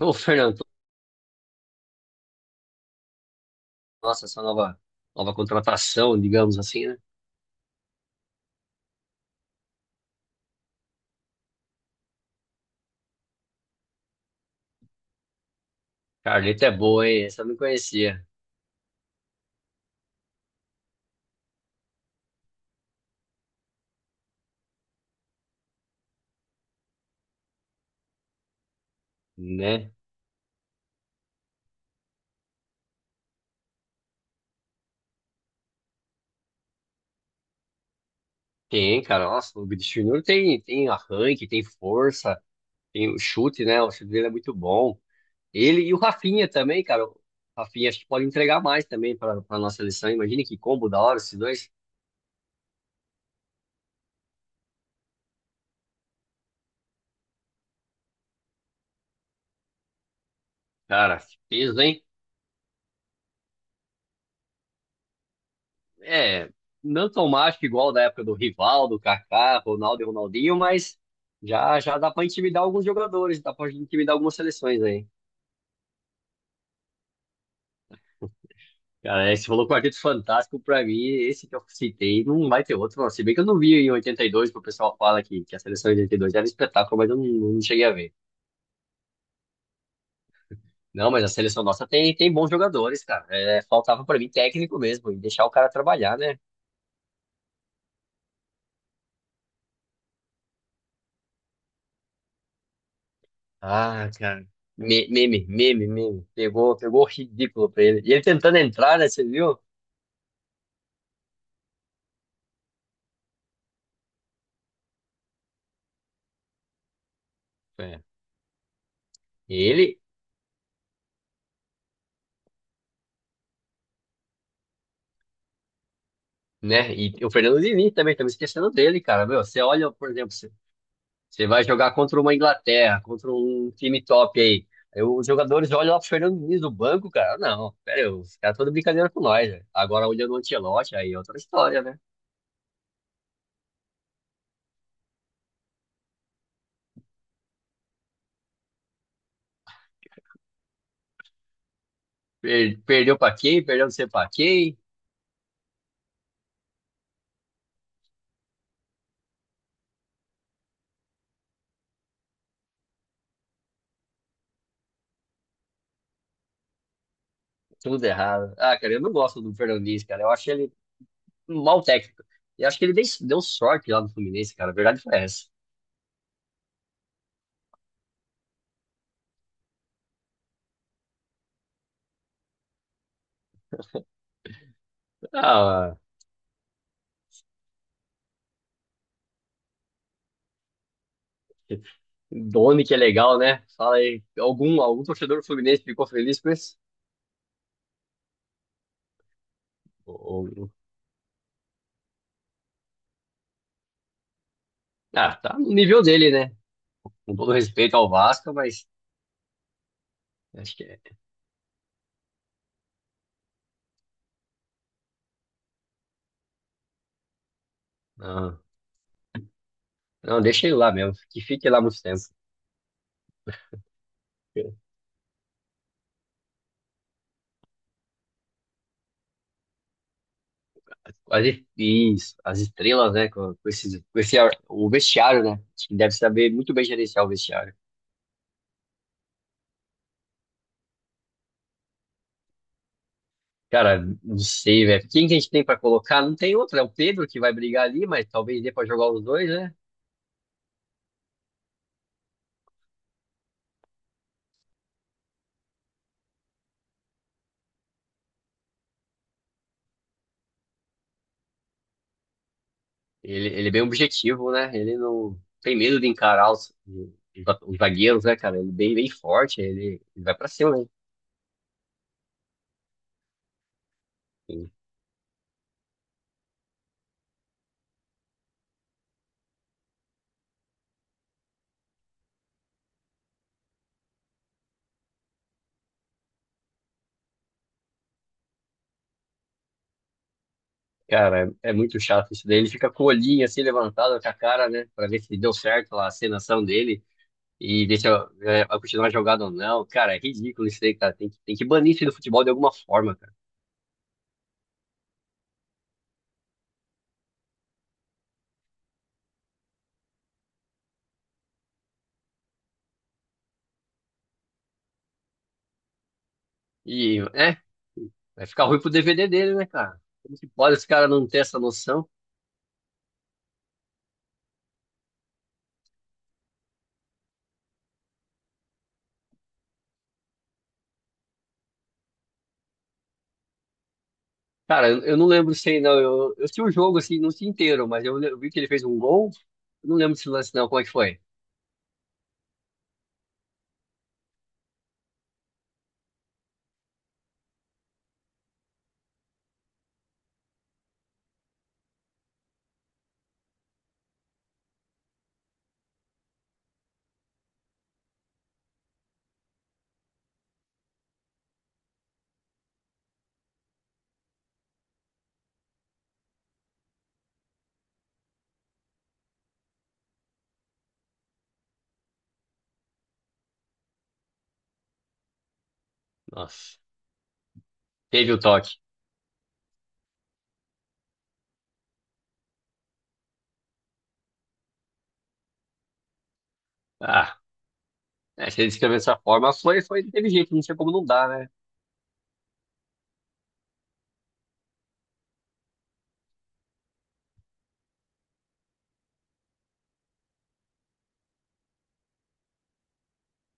Ô, Fernando, nossa, essa nova contratação, digamos assim, né? Carleta é boa, hein? Essa eu não conhecia, né? Tem, cara, nossa, o Bichirnu tem arranque, tem força, tem o chute, né? O chute dele é muito bom. Ele e o Rafinha também, cara. O Rafinha acho que pode entregar mais também para a nossa seleção. Imagina que combo da hora esses dois. Cara, que peso, hein? É, não tão mágico igual da época do Rivaldo, Kaká, Ronaldo e Ronaldinho, mas já já dá pra intimidar alguns jogadores, dá pra intimidar algumas seleções aí. Cara, esse falou Quarteto Fantástico pra mim, esse que eu citei, não vai ter outro, não. Se bem que eu não vi em 82, que o pessoal fala que a seleção de 82 era um espetáculo, mas eu não, não cheguei a ver. Não, mas a seleção nossa tem bons jogadores, cara. É, faltava pra mim técnico mesmo, e deixar o cara trabalhar, né? Ah, cara. Meme, meme, meme. Pegou ridículo pra ele. E ele tentando entrar, né? Você viu? É. Ele, né? E o Fernando Diniz também, estamos esquecendo dele, cara. Meu, você olha, por exemplo, você vai jogar contra uma Inglaterra, contra um time top aí. Aí os jogadores olham lá pro Fernando Diniz do banco, cara. Não, pera, aí, os caras estão de brincadeira com nós, né? Agora olhando o Ancelotti, aí é outra história, né? Perdeu pra quem? Perdeu não sei pra quem? Tudo errado. Ah, cara, eu não gosto do Fernando Diniz, cara. Eu acho ele, mal técnico. E acho que ele deu sorte lá no Fluminense, cara. A verdade foi essa. Ah, Doni que é legal, né? Fala aí, algum torcedor do Fluminense ficou feliz com isso? Ou- ou- Ah, tá no nível dele, né? Com todo respeito ao Vasco, mas acho que é. Não, não, deixa ele lá mesmo, que fique lá muito tempo. Quase isso, as estrelas, né? Com o vestiário, né? Acho que deve saber muito bem gerenciar o vestiário. Cara, não sei, velho. Quem que a gente tem pra colocar? Não tem outro, é o Pedro que vai brigar ali, mas talvez dê pra jogar os dois, né? Ele é bem objetivo, né? Ele não tem medo de encarar os zagueiros, né, cara? Ele é bem forte, ele vai pra cima, né? E, cara, é, é muito chato isso daí. Ele fica com o olhinho assim levantado com a cara, né? Pra ver se deu certo lá a cenação dele e deixa, é, vai continuar a jogada ou não. Cara, é ridículo isso aí, cara. Tem que banir isso aí do futebol de alguma forma, cara. E, é. Vai ficar ruim pro DVD dele, né, cara? Como que pode esse cara não ter essa noção? Cara, eu não lembro se aí, não. Eu sei o jogo, assim, não sei inteiro, mas eu, eu vi que ele fez um gol. Eu não lembro desse lance, não. Como é que foi? Nossa, teve o toque. Ah, é, se ele escreveu dessa forma, foi, teve jeito, não sei como não dá, né?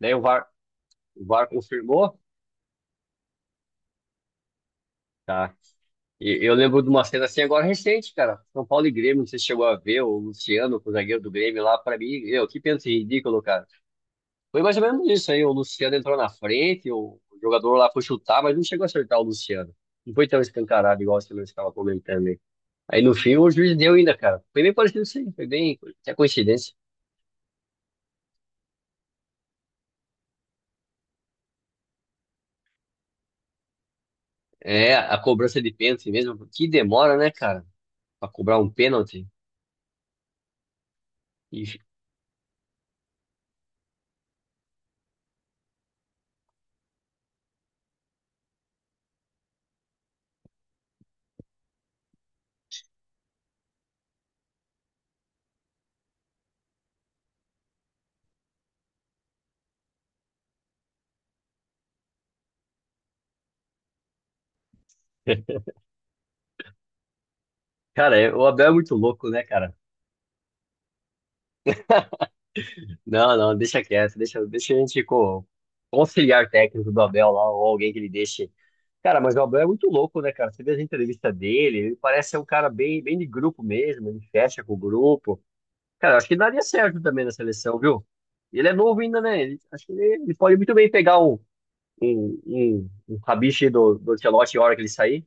Daí o VAR confirmou, tá? E eu lembro de uma cena assim agora recente, cara. São Paulo e Grêmio, não sei se chegou a ver, o Luciano, o zagueiro do Grêmio lá, pra mim, eu, que pênalti ridículo, cara. Foi mais ou menos isso aí. O Luciano entrou na frente, o jogador lá foi chutar, mas não chegou a acertar o Luciano. Não foi tão escancarado igual você mesmo estava comentando aí. Aí no fim o juiz deu ainda, cara. Foi bem parecido isso aí, foi bem, até coincidência. É, a cobrança de pênalti mesmo, que demora, né, cara, pra cobrar um pênalti. E, cara, é, o Abel é muito louco, né, cara? Não, não, deixa quieto, deixa a gente com o auxiliar técnico do Abel lá, ou alguém que ele deixe. Cara, mas o Abel é muito louco, né, cara? Você vê as entrevistas dele, ele parece ser um cara bem de grupo mesmo, ele fecha com o grupo. Cara, acho que daria certo também na seleção, viu? Ele é novo ainda, né? Acho que ele pode muito bem pegar um rabicho do Ancelotti a hora que ele sair.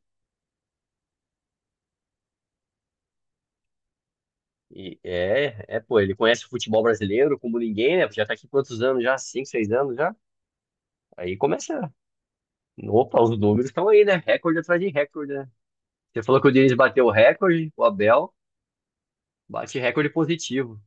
E é, é, pô, ele conhece o futebol brasileiro como ninguém, né? Já tá aqui quantos anos já? Cinco, seis anos já? Aí começa. Opa, os números estão aí, né? Recorde atrás de recorde, né? Você falou que o Diniz bateu o recorde, o Abel bate recorde positivo.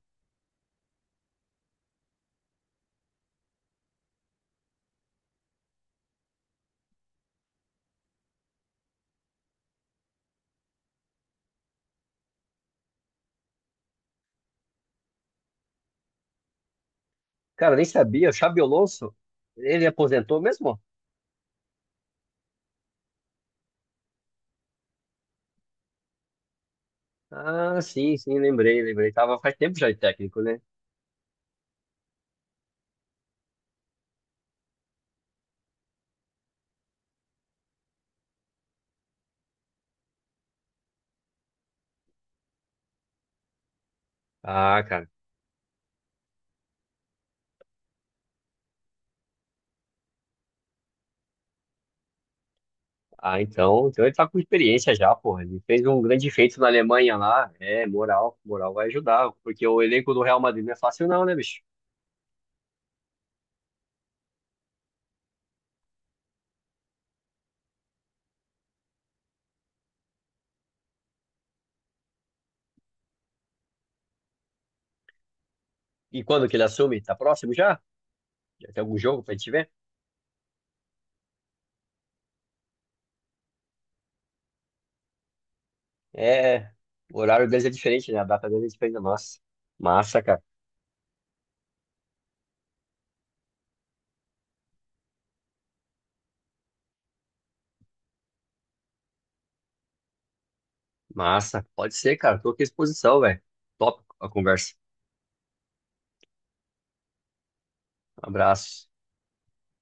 Cara, nem sabia. O Xabi Alonso, ele aposentou mesmo? Ah, sim, sim, lembrei, lembrei. Tava faz tempo já de técnico, né? Ah, cara. Ah, então, então ele tá com experiência já, porra. Ele fez um grande feito na Alemanha lá. É, moral, moral vai ajudar, porque o elenco do Real Madrid não é fácil não, né, bicho? E quando que ele assume? Tá próximo já? Já tem algum jogo pra gente ver? É, o horário deles é diferente, né? A data deles é diferente da nossa. Massa, cara. Massa. Pode ser, cara. Tô aqui à disposição, velho. Top a conversa. Abraço.